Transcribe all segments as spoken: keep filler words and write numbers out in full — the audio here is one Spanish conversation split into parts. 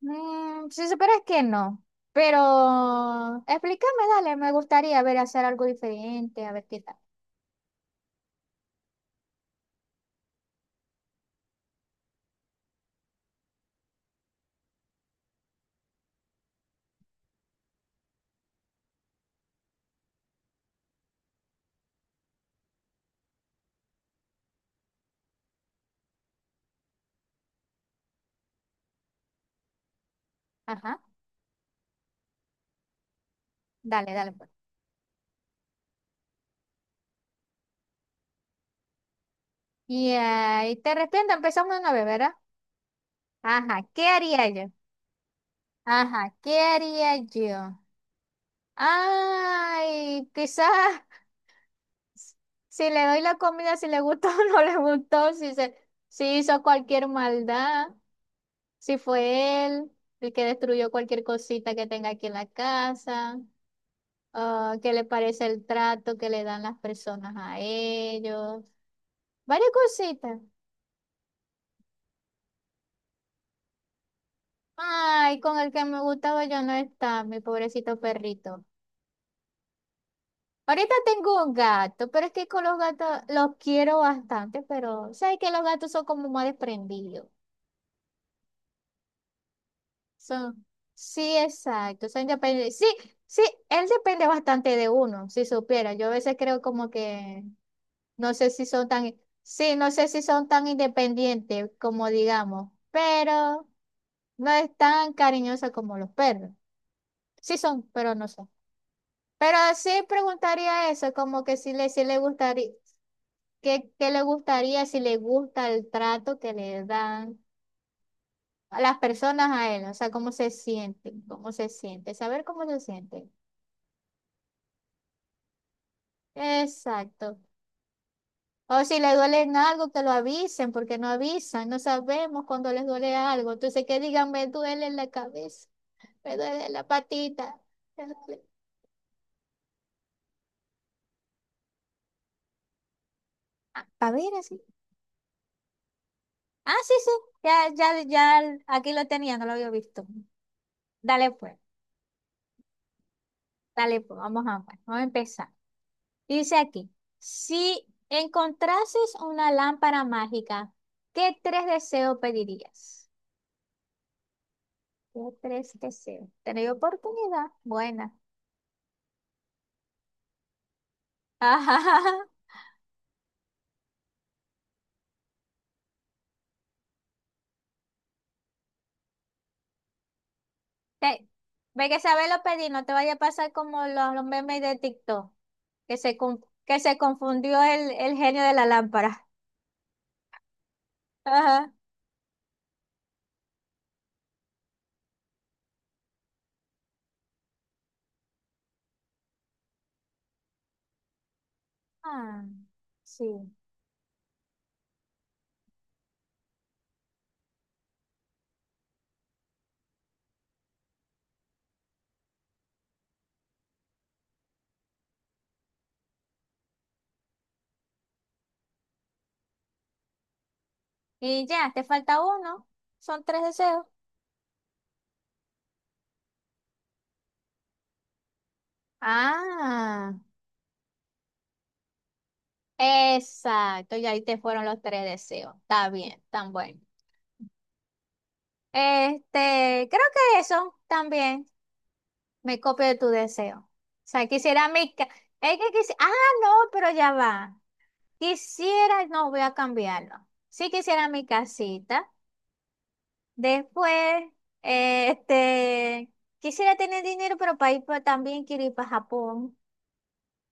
Mm, si supieras que no, pero explícame, dale, me gustaría ver hacer algo diferente, a ver qué tal. Ajá, dale, dale, pues. Y ahí te respondo, empezamos de nuevo, ¿verdad? Ajá, ¿qué haría yo? Ajá, ¿qué haría yo? Ay, quizás si le doy la comida, si le gustó o no le gustó, si se, si hizo cualquier maldad, si fue él el que destruyó cualquier cosita que tenga aquí en la casa. Ah, qué le parece el trato que le dan las personas a ellos, varias cositas. Ay, con el que me gustaba yo no está, mi pobrecito perrito. Ahorita tengo un gato, pero es que con los gatos los quiero bastante, pero sabes que los gatos son como más desprendidos. Son, sí, exacto, son independientes. Sí, sí, él depende bastante de uno, si supiera. Yo a veces creo como que no sé si son tan, sí, no sé si son tan independientes como digamos, pero no es tan cariñosa como los perros. Sí son, pero no son. Pero sí preguntaría eso, como que si le, si le gustaría, qué, qué le gustaría, si le gusta el trato que le dan a las personas a él, o sea, cómo se sienten, cómo se siente, saber cómo se siente. Exacto. O si les duele en algo, que lo avisen, porque no avisan, no sabemos cuando les duele algo. Entonces, que digan, me duele la cabeza, me duele la patita. Ah, a ver, así. Ah, sí, sí, ya, ya, ya, aquí lo tenía, no lo había visto. Dale pues, dale pues, vamos a ver, vamos a empezar. Dice aquí, si encontrases una lámpara mágica, ¿qué tres deseos pedirías? ¿Qué tres deseos? ¿Tenéis oportunidad? Buena. Ajá. Te- Ve que sabes lo pedí, no te vaya a pasar como los, los memes de TikTok, que se, con- que se confundió el, el genio de la lámpara. Ajá. Ah, sí. Y ya, te falta uno. Son tres deseos. Ah, exacto. Y ahí te fueron los tres deseos. Está bien, tan bueno. Este, creo que eso también me copio de tu deseo. O sea, quisiera mi... ca- Es que quisi- Ah, no, pero ya va. Quisiera, no voy a cambiarlo. Sí quisiera mi casita. Después, eh, este, quisiera tener dinero, pero para ir pa- también quiero ir para Japón,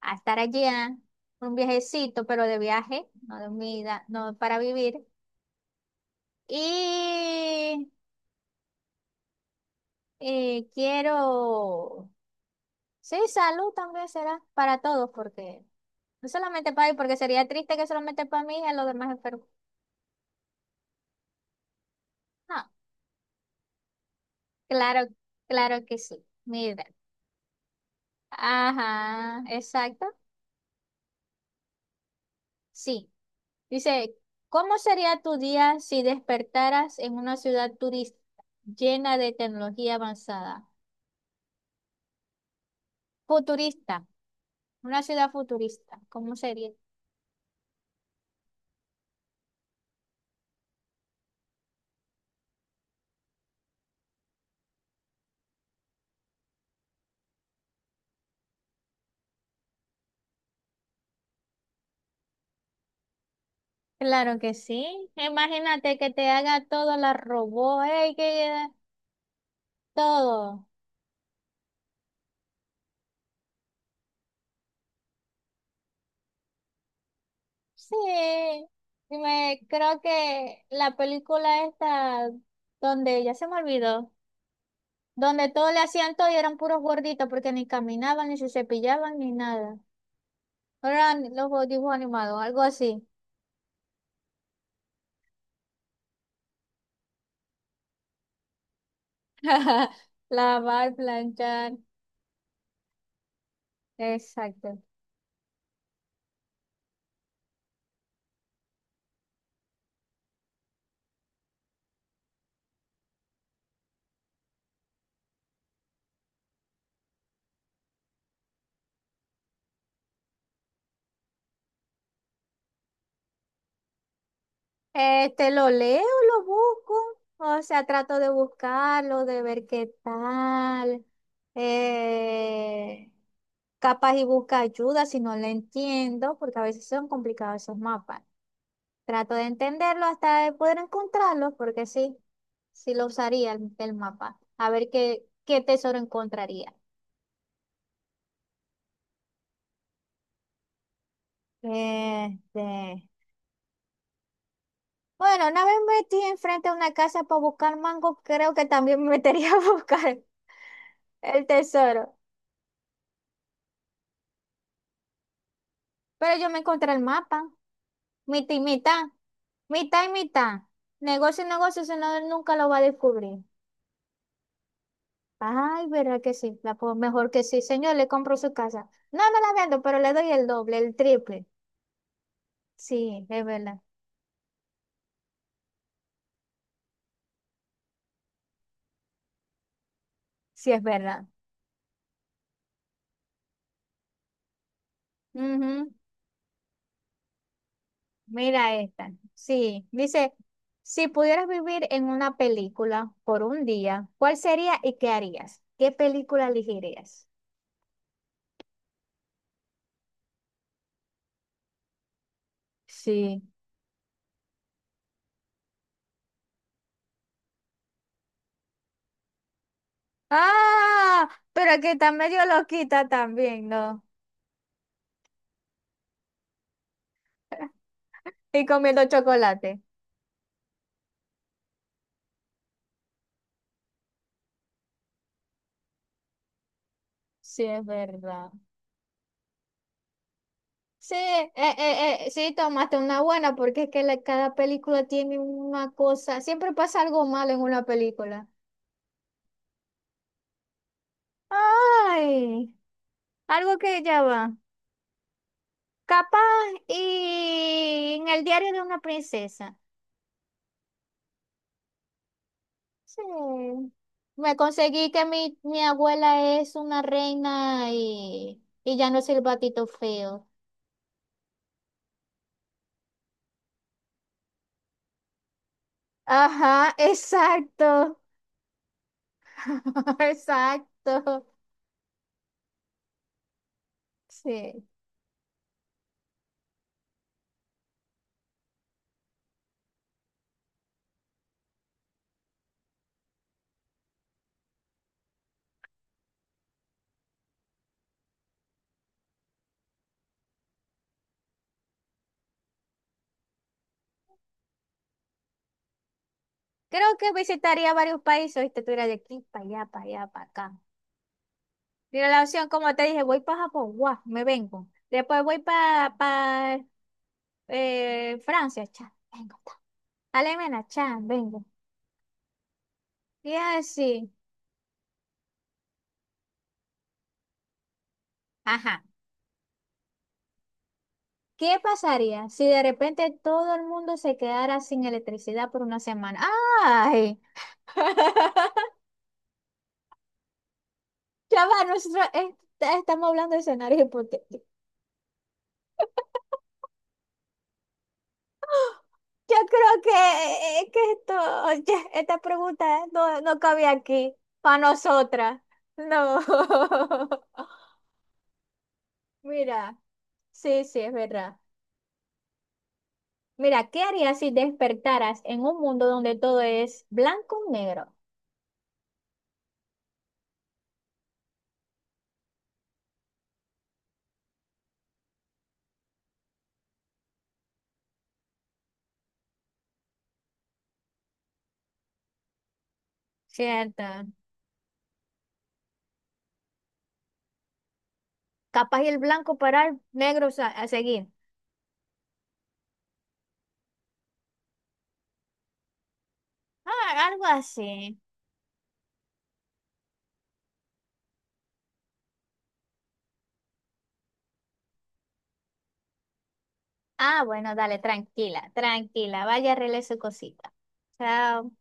a estar allá, un viajecito, pero de viaje, no de vida, no para vivir. Y eh, quiero, sí, salud también será para todos, porque no solamente para mí, porque sería triste que solamente para mí y a los demás enfermos. No, claro, claro que sí. Mira. Ajá, exacto. Sí. Dice, ¿cómo sería tu día si despertaras en una ciudad turista llena de tecnología avanzada? Futurista, una ciudad futurista. ¿Cómo sería? Claro que sí. Imagínate que te haga todo la robot, eh, que todo. Sí. Y me creo que la película esta donde ya se me olvidó. Donde todo le hacían todo y eran puros gorditos porque ni caminaban, ni se cepillaban, ni nada. Eran los dibujos animados, algo así. Lavar, planchar. Exacto. Eh, te lo leo, lo busco, o sea, trato de buscarlo, de ver qué tal. Eh, capaz y busca ayuda si no lo entiendo, porque a veces son complicados esos mapas. Trato de entenderlo hasta de poder encontrarlo, porque sí, sí lo usaría el, el mapa. A ver qué, qué tesoro encontraría. Este, bueno, una vez metí enfrente de una casa para buscar mango, creo que también me metería a buscar el tesoro. Pero yo me encontré el mapa, mitad y mitad, mitad y mitad. Negocio y negocio, si no, él nunca lo va a descubrir. Ay, verdad que sí, la, po- mejor que sí. Señor, le compro su casa. No me la vendo, pero le doy el doble, el triple. Sí, es verdad, sí es verdad. Ujú. Mira esta. Sí, dice, si pudieras vivir en una película por un día, ¿cuál sería y qué harías? ¿Qué película elegirías? Sí. Ah, pero que está medio loquita también, ¿no? Y comiendo chocolate. Sí, es verdad. Sí, eh, eh, eh, sí, tomaste una buena porque es que la- cada película tiene una cosa. Siempre pasa algo malo en una película. Ay, algo que ya va. Capaz y en el diario de una princesa. Sí. Me conseguí que mi, mi abuela es una reina y, y ya no es el batito feo. Ajá, exacto. Exacto. Sí. Creo que visitaría varios países. Viste, tú eras de aquí para allá, para allá, para acá. Mi relación, como te dije, voy para Japón, guau, me vengo. Después voy para Francia, cha, vengo. Ta. Alemania, cha, vengo. Y así, ajá. ¿Qué pasaría si de repente todo el mundo se quedara sin electricidad por una semana? ¡Ay! Ya va, nosotros est- estamos hablando de escenarios hipotéticos. Yo creo que, eh, que esto, ya, esta pregunta no, no cabe aquí para nosotras. No. Mira, sí, sí, es verdad. Mira, ¿qué harías si despertaras en un mundo donde todo es blanco y negro? Cierto. Capaz y el blanco parar, negro sa- a seguir. Ah, algo así. Ah, bueno, dale, tranquila, tranquila. Vaya, arregle su cosita. Chao.